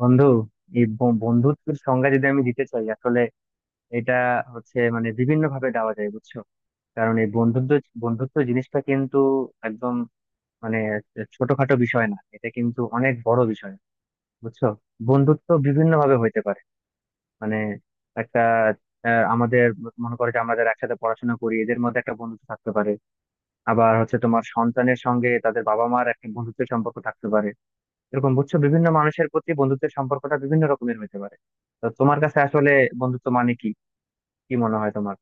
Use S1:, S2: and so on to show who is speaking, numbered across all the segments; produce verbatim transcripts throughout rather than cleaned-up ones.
S1: বন্ধু, এই ব- বন্ধুত্বের সংজ্ঞা যদি আমি দিতে চাই আসলে এটা হচ্ছে মানে বিভিন্ন ভাবে দেওয়া যায়, বুঝছো? কারণ এই বন্ধুত্ব বন্ধুত্ব জিনিসটা কিন্তু একদম মানে ছোটখাটো বিষয় না, এটা কিন্তু অনেক বড় বিষয়, বুঝছো। বন্ধুত্ব বিভিন্ন ভাবে হইতে পারে। মানে একটা আহ, আমাদের, মনে করো যে আমাদের একসাথে পড়াশোনা করি, এদের মধ্যে একটা বন্ধুত্ব থাকতে পারে। আবার হচ্ছে তোমার সন্তানের সঙ্গে তাদের বাবা মার একটা বন্ধুত্বের সম্পর্ক থাকতে পারে। এরকম বুঝছো, বিভিন্ন মানুষের প্রতি বন্ধুত্বের সম্পর্কটা বিভিন্ন রকমের হতে পারে। তো তোমার কাছে আসলে বন্ধুত্ব মানে কি, কি মনে হয় তোমার?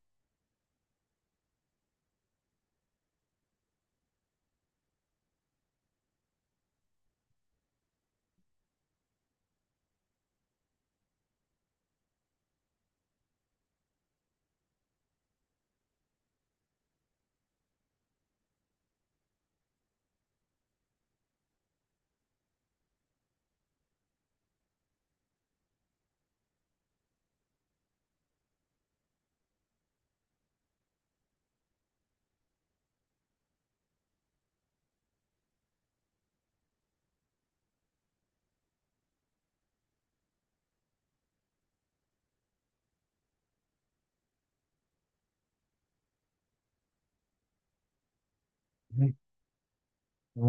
S1: হুম।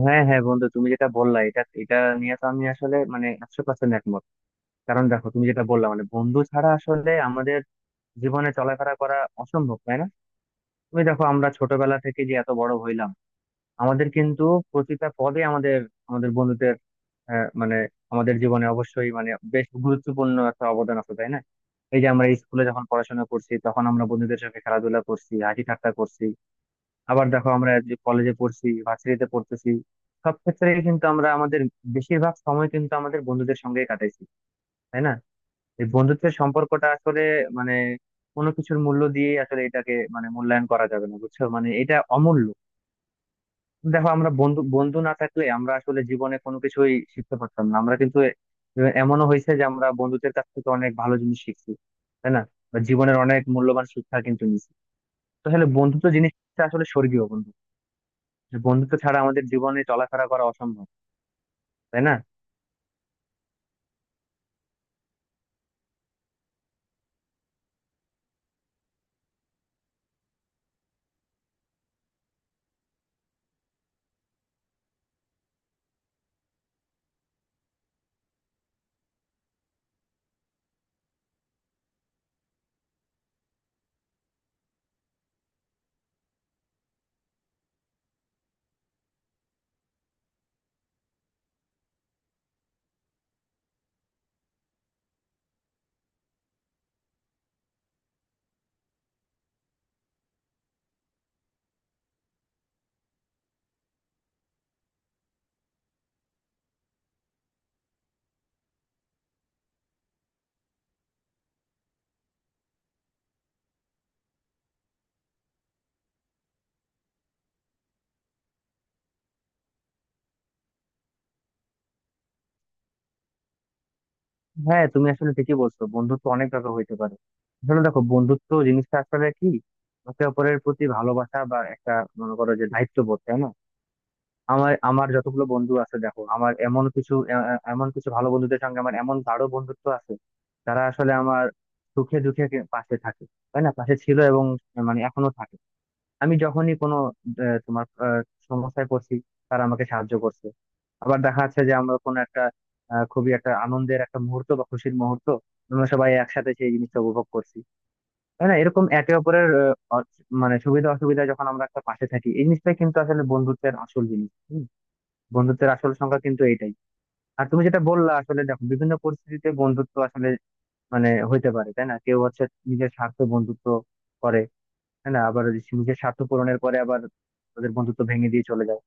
S1: হ্যাঁ, হ্যাঁ, বন্ধু তুমি যেটা বললা এটা এটা নিয়ে তো আমি আসলে মানে একশো পার্সেন্ট একমত। কারণ দেখো, তুমি যেটা বললা মানে বন্ধু ছাড়া আসলে আমাদের জীবনে চলাফেরা করা অসম্ভব, তাই না? তুমি দেখো আমরা ছোটবেলা থেকে যে এত বড় হইলাম, আমাদের কিন্তু প্রতিটা পদে আমাদের আমাদের বন্ধুদের আহ, মানে আমাদের জীবনে অবশ্যই মানে বেশ গুরুত্বপূর্ণ একটা অবদান আছে, তাই না? এই যে আমরা স্কুলে যখন পড়াশোনা করছি তখন আমরা বন্ধুদের সঙ্গে খেলাধুলা করছি, হাসি ঠাট্টা করছি। আবার দেখো আমরা যে কলেজে পড়ছি, ভার্সিটিতে পড়তেছি, সব ক্ষেত্রে কিন্তু আমরা আমাদের বেশিরভাগ সময় কিন্তু আমাদের বন্ধুদের সঙ্গেই কাটাইছি, তাই না? এই বন্ধুত্বের সম্পর্কটা আসলে মানে কোনো কিছুর মূল্য দিয়ে আসলে এটাকে মানে মূল্যায়ন করা যাবে না, বুঝছো, মানে এটা অমূল্য। দেখো, আমরা বন্ধু বন্ধু না থাকলে আমরা আসলে জীবনে কোনো কিছুই শিখতে পারতাম না। আমরা কিন্তু এ- এমনও হয়েছে যে আমরা বন্ধুদের কাছ থেকে অনেক ভালো জিনিস শিখছি, তাই না? বা জীবনের অনেক মূল্যবান শিক্ষা কিন্তু নিয়েছি। তো আসলে বন্ধুত্ব জিনিসটা আসলে স্বর্গীয় বন্ধু, যে বন্ধুত্ব ছাড়া আমাদের জীবনে চলাফেরা করা অসম্ভব, তাই না? হ্যাঁ, তুমি আসলে ঠিকই বলছো, বন্ধুত্ব অনেক ভাবে হইতে পারে। আসলে দেখো বন্ধুত্ব জিনিসটা আসলে কি, একে অপরের প্রতি ভালোবাসা বা একটা, মনে করো যে দায়িত্ববোধ, তাই না? আমার আমার যতগুলো বন্ধু আছে, দেখো আমার এমন কিছু এ- এ- এমন কিছু ভালো বন্ধুদের সঙ্গে আমার এমন গাঢ় বন্ধুত্ব আছে। তারা আসলে আমার সুখে দুঃখে কে- পাশে থাকে, তাই না, পাশে ছিল এবং মানে এখনো থাকে। আমি যখনই কোনো আহ, তোমার আহ, সমস্যায় পড়ছি, তারা আমাকে সাহায্য করছে। আবার দেখা যাচ্ছে যে আমরা কোনো একটা আহ, খুবই একটা আনন্দের একটা মুহূর্ত বা খুশির মুহূর্ত, আমরা সবাই একসাথে সেই জিনিসটা উপভোগ করছি, তাই না? এরকম একে অপরের আহ, অ- মানে সুবিধা অসুবিধা যখন আমরা একটা পাশে থাকি, এই জিনিসটাই কিন্তু আসলে বন্ধুত্বের আসল জিনিস, বন্ধুত্বের আসল সংখ্যা কিন্তু এইটাই। আর তুমি যেটা বললা আসলে দেখো বিভিন্ন পরিস্থিতিতে বন্ধুত্ব আসলে মানে হইতে পারে, তাই না? কেউ হচ্ছে নিজের স্বার্থ বন্ধুত্ব করে, তাই না, আবার সে নিজের স্বার্থ পূরণের পরে আবার তাদের বন্ধুত্ব ভেঙে দিয়ে চলে যায়।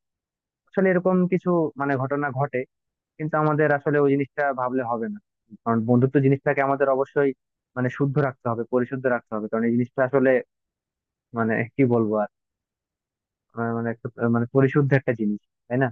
S1: আসলে এরকম কিছু মানে ঘটনা ঘটে, কিন্তু আমাদের আসলে ওই জিনিসটা ভাবলে হবে না, কারণ বন্ধুত্ব জিনিসটাকে আমাদের অবশ্যই মানে শুদ্ধ রাখতে হবে, পরিশুদ্ধ রাখতে হবে। কারণ এই জিনিসটা আসলে মানে কি বলবো আর, মানে একটা মানে পরিশুদ্ধ একটা জিনিস, তাই না?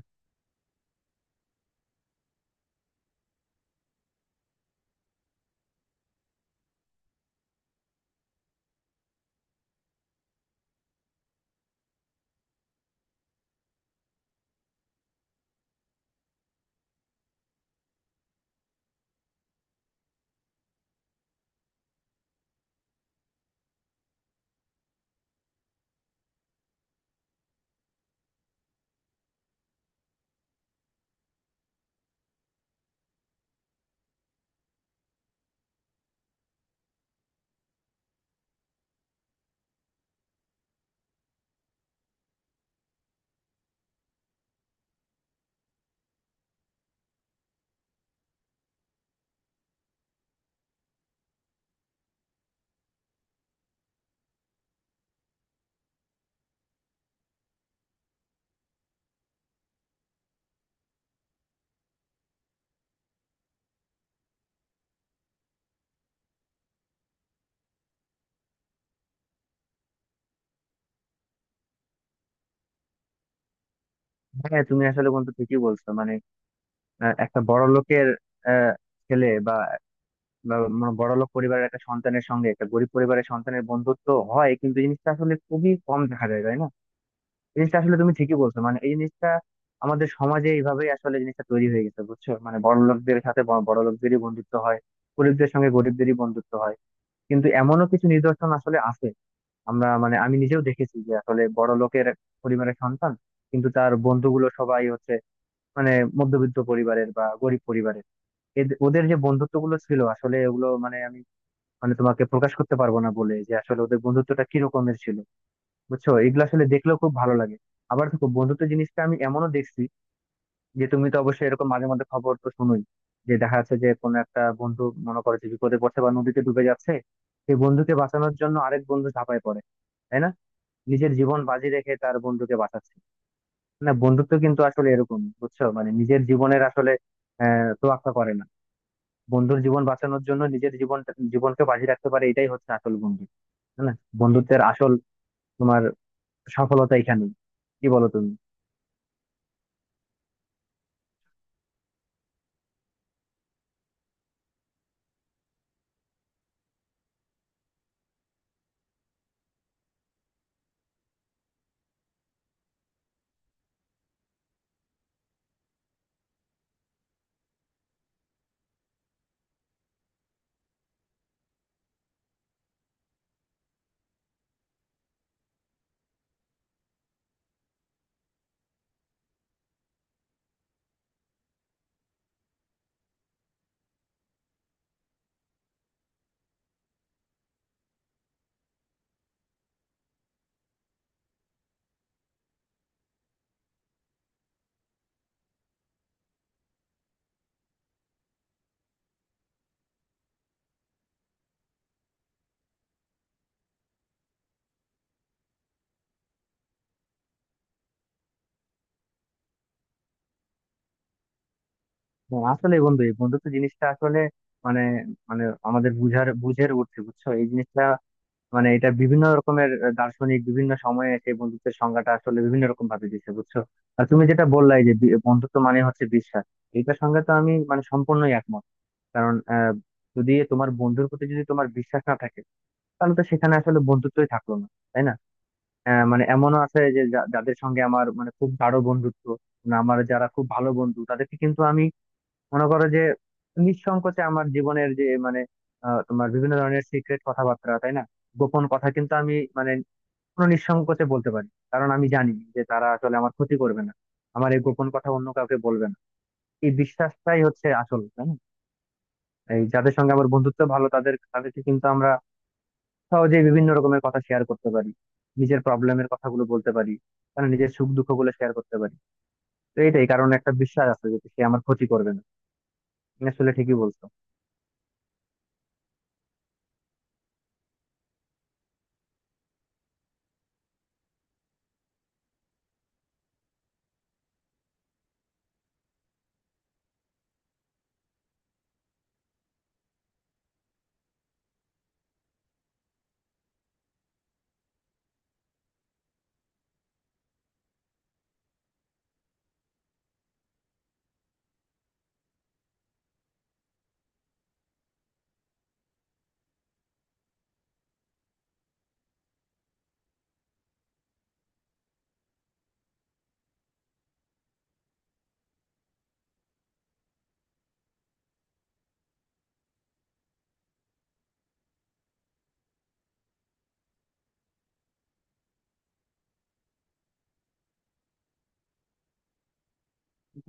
S1: হ্যাঁ, তুমি আসলে বন্ধু ঠিকই বলছো মানে আহ, একটা বড় লোকের আহ, ছেলে বা বা মানে বড় লোক পরিবারের একটা সন্তানের সঙ্গে একটা গরিব পরিবারের সন্তানের বন্ধুত্ব হয় কিন্তু জিনিসটা আসলে খুবই কম দেখা যায়, তাই না? এই জিনিসটা আসলে তুমি ঠিকই বলছো, মানে এই জিনিসটা আমাদের সমাজে এইভাবেই আসলে জিনিসটা তৈরি হয়ে গেছে, বুঝছো, মানে বড় লোকদের সাথে ব- বড় লোকদেরই বন্ধুত্ব হয়, গরিবদের সঙ্গে গরিবদেরই বন্ধুত্ব হয়। কিন্তু এমনও কিছু নিদর্শন আসলে আছে, আমরা মানে আমি নিজেও দেখেছি যে আসলে বড় লোকের পরিবারের সন্তান কিন্তু তার বন্ধুগুলো সবাই হচ্ছে মানে মধ্যবিত্ত পরিবারের বা গরিব পরিবারের। এদ- ওদের যে বন্ধুত্ব গুলো ছিল আসলে, ওগুলো মানে আমি মানে তোমাকে প্রকাশ করতে পারবো না বলে যে আসলে ওদের বন্ধুত্বটা কি রকমের ছিল, বুঝছো, এগুলো আসলে দেখলেও খুব ভালো লাগে। আবার দেখো বন্ধুত্ব জিনিসটা আমি এমনও দেখছি, যে তুমি তো অবশ্যই এরকম মাঝে মধ্যে খবর তো শুনোই, যে দেখা যাচ্ছে যে কোনো একটা বন্ধু, মনে করো যে বিপদে পড়ছে বা নদীতে ডুবে যাচ্ছে, সেই বন্ধুকে বাঁচানোর জন্য আরেক বন্ধু ঝাঁপায় পড়ে, তাই না? নিজের জীবন বাজি রেখে তার বন্ধুকে বাঁচাচ্ছে না? বন্ধুত্ব কিন্তু আসলে এরকম, বুঝছো, মানে নিজের জীবনের আসলে আহ তোয়াক্কা করে না, বন্ধুর জীবন বাঁচানোর জন্য নিজের জীবন জীবনকে বাজি রাখতে পারে, এটাই হচ্ছে আসল বন্ধু, তাই না? বন্ধুত্বের আসল তোমার সফলতা এখানেই, কি বলো তুমি? হ্যাঁ, আসলে বন্ধু এই বন্ধুত্ব জিনিসটা আসলে মানে মানে আমাদের বুঝার বুঝের উঠছে, বুঝছো এই জিনিসটা, মানে এটা বিভিন্ন রকমের আহ, দার্শনিক বিভিন্ন সময়ে এসে এই বন্ধুত্বের সংজ্ঞাটা আসলে বিভিন্ন রকম ভাবে দিচ্ছে, বুঝছো। আর তুমি যেটা বললাই যে বি- বন্ধুত্ব মানে হচ্ছে বিশ্বাস, এইটার সঙ্গে তো আমি মানে সম্পূর্ণই একমত। কারণ আহ যদি তোমার বন্ধুর প্রতি যদি তোমার বিশ্বাস না থাকে, তাহলে তো সেখানে আসলে বন্ধুত্বই থাকলো না, তাই না? আহ, মানে এমনও আছে যে যা- যাদের সঙ্গে আমার মানে খুব গাঢ় বন্ধুত্ব, মানে আমার যারা খুব ভালো বন্ধু, তাদেরকে কিন্তু আমি, মনে করো যে নিঃসংকোচে আমার জীবনের যে মানে আহ, তোমার বিভিন্ন ধরনের সিক্রেট কথাবার্তা, তাই না, গোপন কথা কিন্তু আমি মানে কোনো নিঃসংকোচে বলতে পারি, কারণ আমি জানি যে তারা আসলে আমার ক্ষতি করবে না, আমার এই গোপন কথা অন্য কাউকে বলবে না। এই বিশ্বাসটাই হচ্ছে আসল, তাই না? এই যাদের সঙ্গে আমার বন্ধুত্ব ভালো তাদের তাদেরকে কিন্তু আমরা সহজেই বিভিন্ন রকমের কথা শেয়ার করতে পারি, নিজের প্রবলেমের কথাগুলো বলতে পারি, মানে নিজের সুখ দুঃখ গুলো শেয়ার করতে পারি। তো এইটাই, কারণ একটা বিশ্বাস আছে যে সে আমার ক্ষতি করবে না। তুমি আসলে ঠিকই বলছো।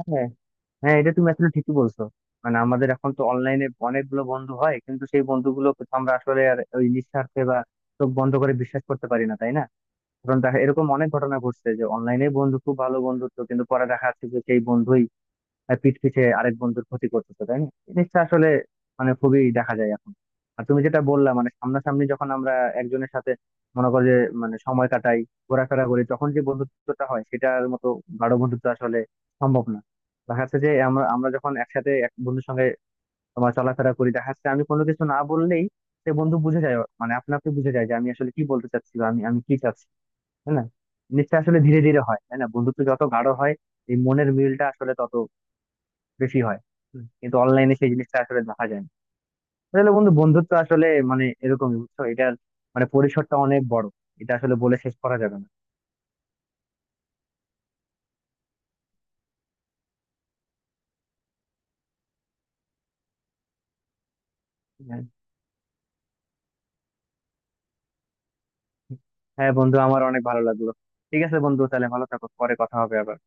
S1: হ্যাঁ, হ্যাঁ, এটা তুমি আসলে ঠিকই বলছো, মানে আমাদের এখন তো অনলাইনে অনেকগুলো বন্ধু হয় কিন্তু সেই বন্ধুগুলো তো আমরা আসলে আর ওই নিঃস্বার্থে বা চোখ বন্ধ করে বিশ্বাস করতে পারি না, তাই না? কারণ দেখা এরকম অনেক ঘটনা ঘটছে যে অনলাইনে বন্ধু, খুব ভালো বন্ধুত্ব, কিন্তু পরে দেখা যাচ্ছে যে সেই বন্ধুই আহ পিঠ পিছে আরেক বন্ধুর ক্ষতি করতেছে, তাই না? এই জিনিসটা আসলে মানে খুবই দেখা যায় এখন। আর তুমি যেটা বললা মানে সামনাসামনি যখন আমরা একজনের সাথে, মনে করো যে মানে সময় কাটাই, ঘোরাফেরা করি, তখন যে বন্ধুত্বটা হয় সেটার মতো গাঢ় বন্ধুত্ব আসলে সম্ভব না। দেখা যাচ্ছে যে আমরা আমরা যখন একসাথে এক বন্ধুর সঙ্গে তোমার চলাফেরা করি, দেখা যাচ্ছে আমি কোনো কিছু না বললেই সে বন্ধু বুঝে যায়, মানে আপনা আপনি বুঝে যায় যে আমি আসলে কি বলতে চাচ্ছি বা আমি আমি কি চাচ্ছি, তাই না? জিনিসটা আসলে ধীরে ধীরে হয়, তাই না, বন্ধুত্ব যত গাঢ় হয় এই মনের মিলটা আসলে তত বেশি হয়। হুম। কিন্তু অনলাইনে সেই জিনিসটা আসলে দেখা যায় না। আসলে বন্ধু বন্ধুত্ব আসলে মানে এরকমই, বুঝছো, এটার মানে পরিসরটা অনেক বড়, এটা আসলে বলে শেষ করা যাবে না। হ্যাঁ, হ্যাঁ, বন্ধু আমার অনেক ভালো লাগলো। ঠিক আছে বন্ধু, তাহলে ভালো থাকো, পরে কথা হবে আবার।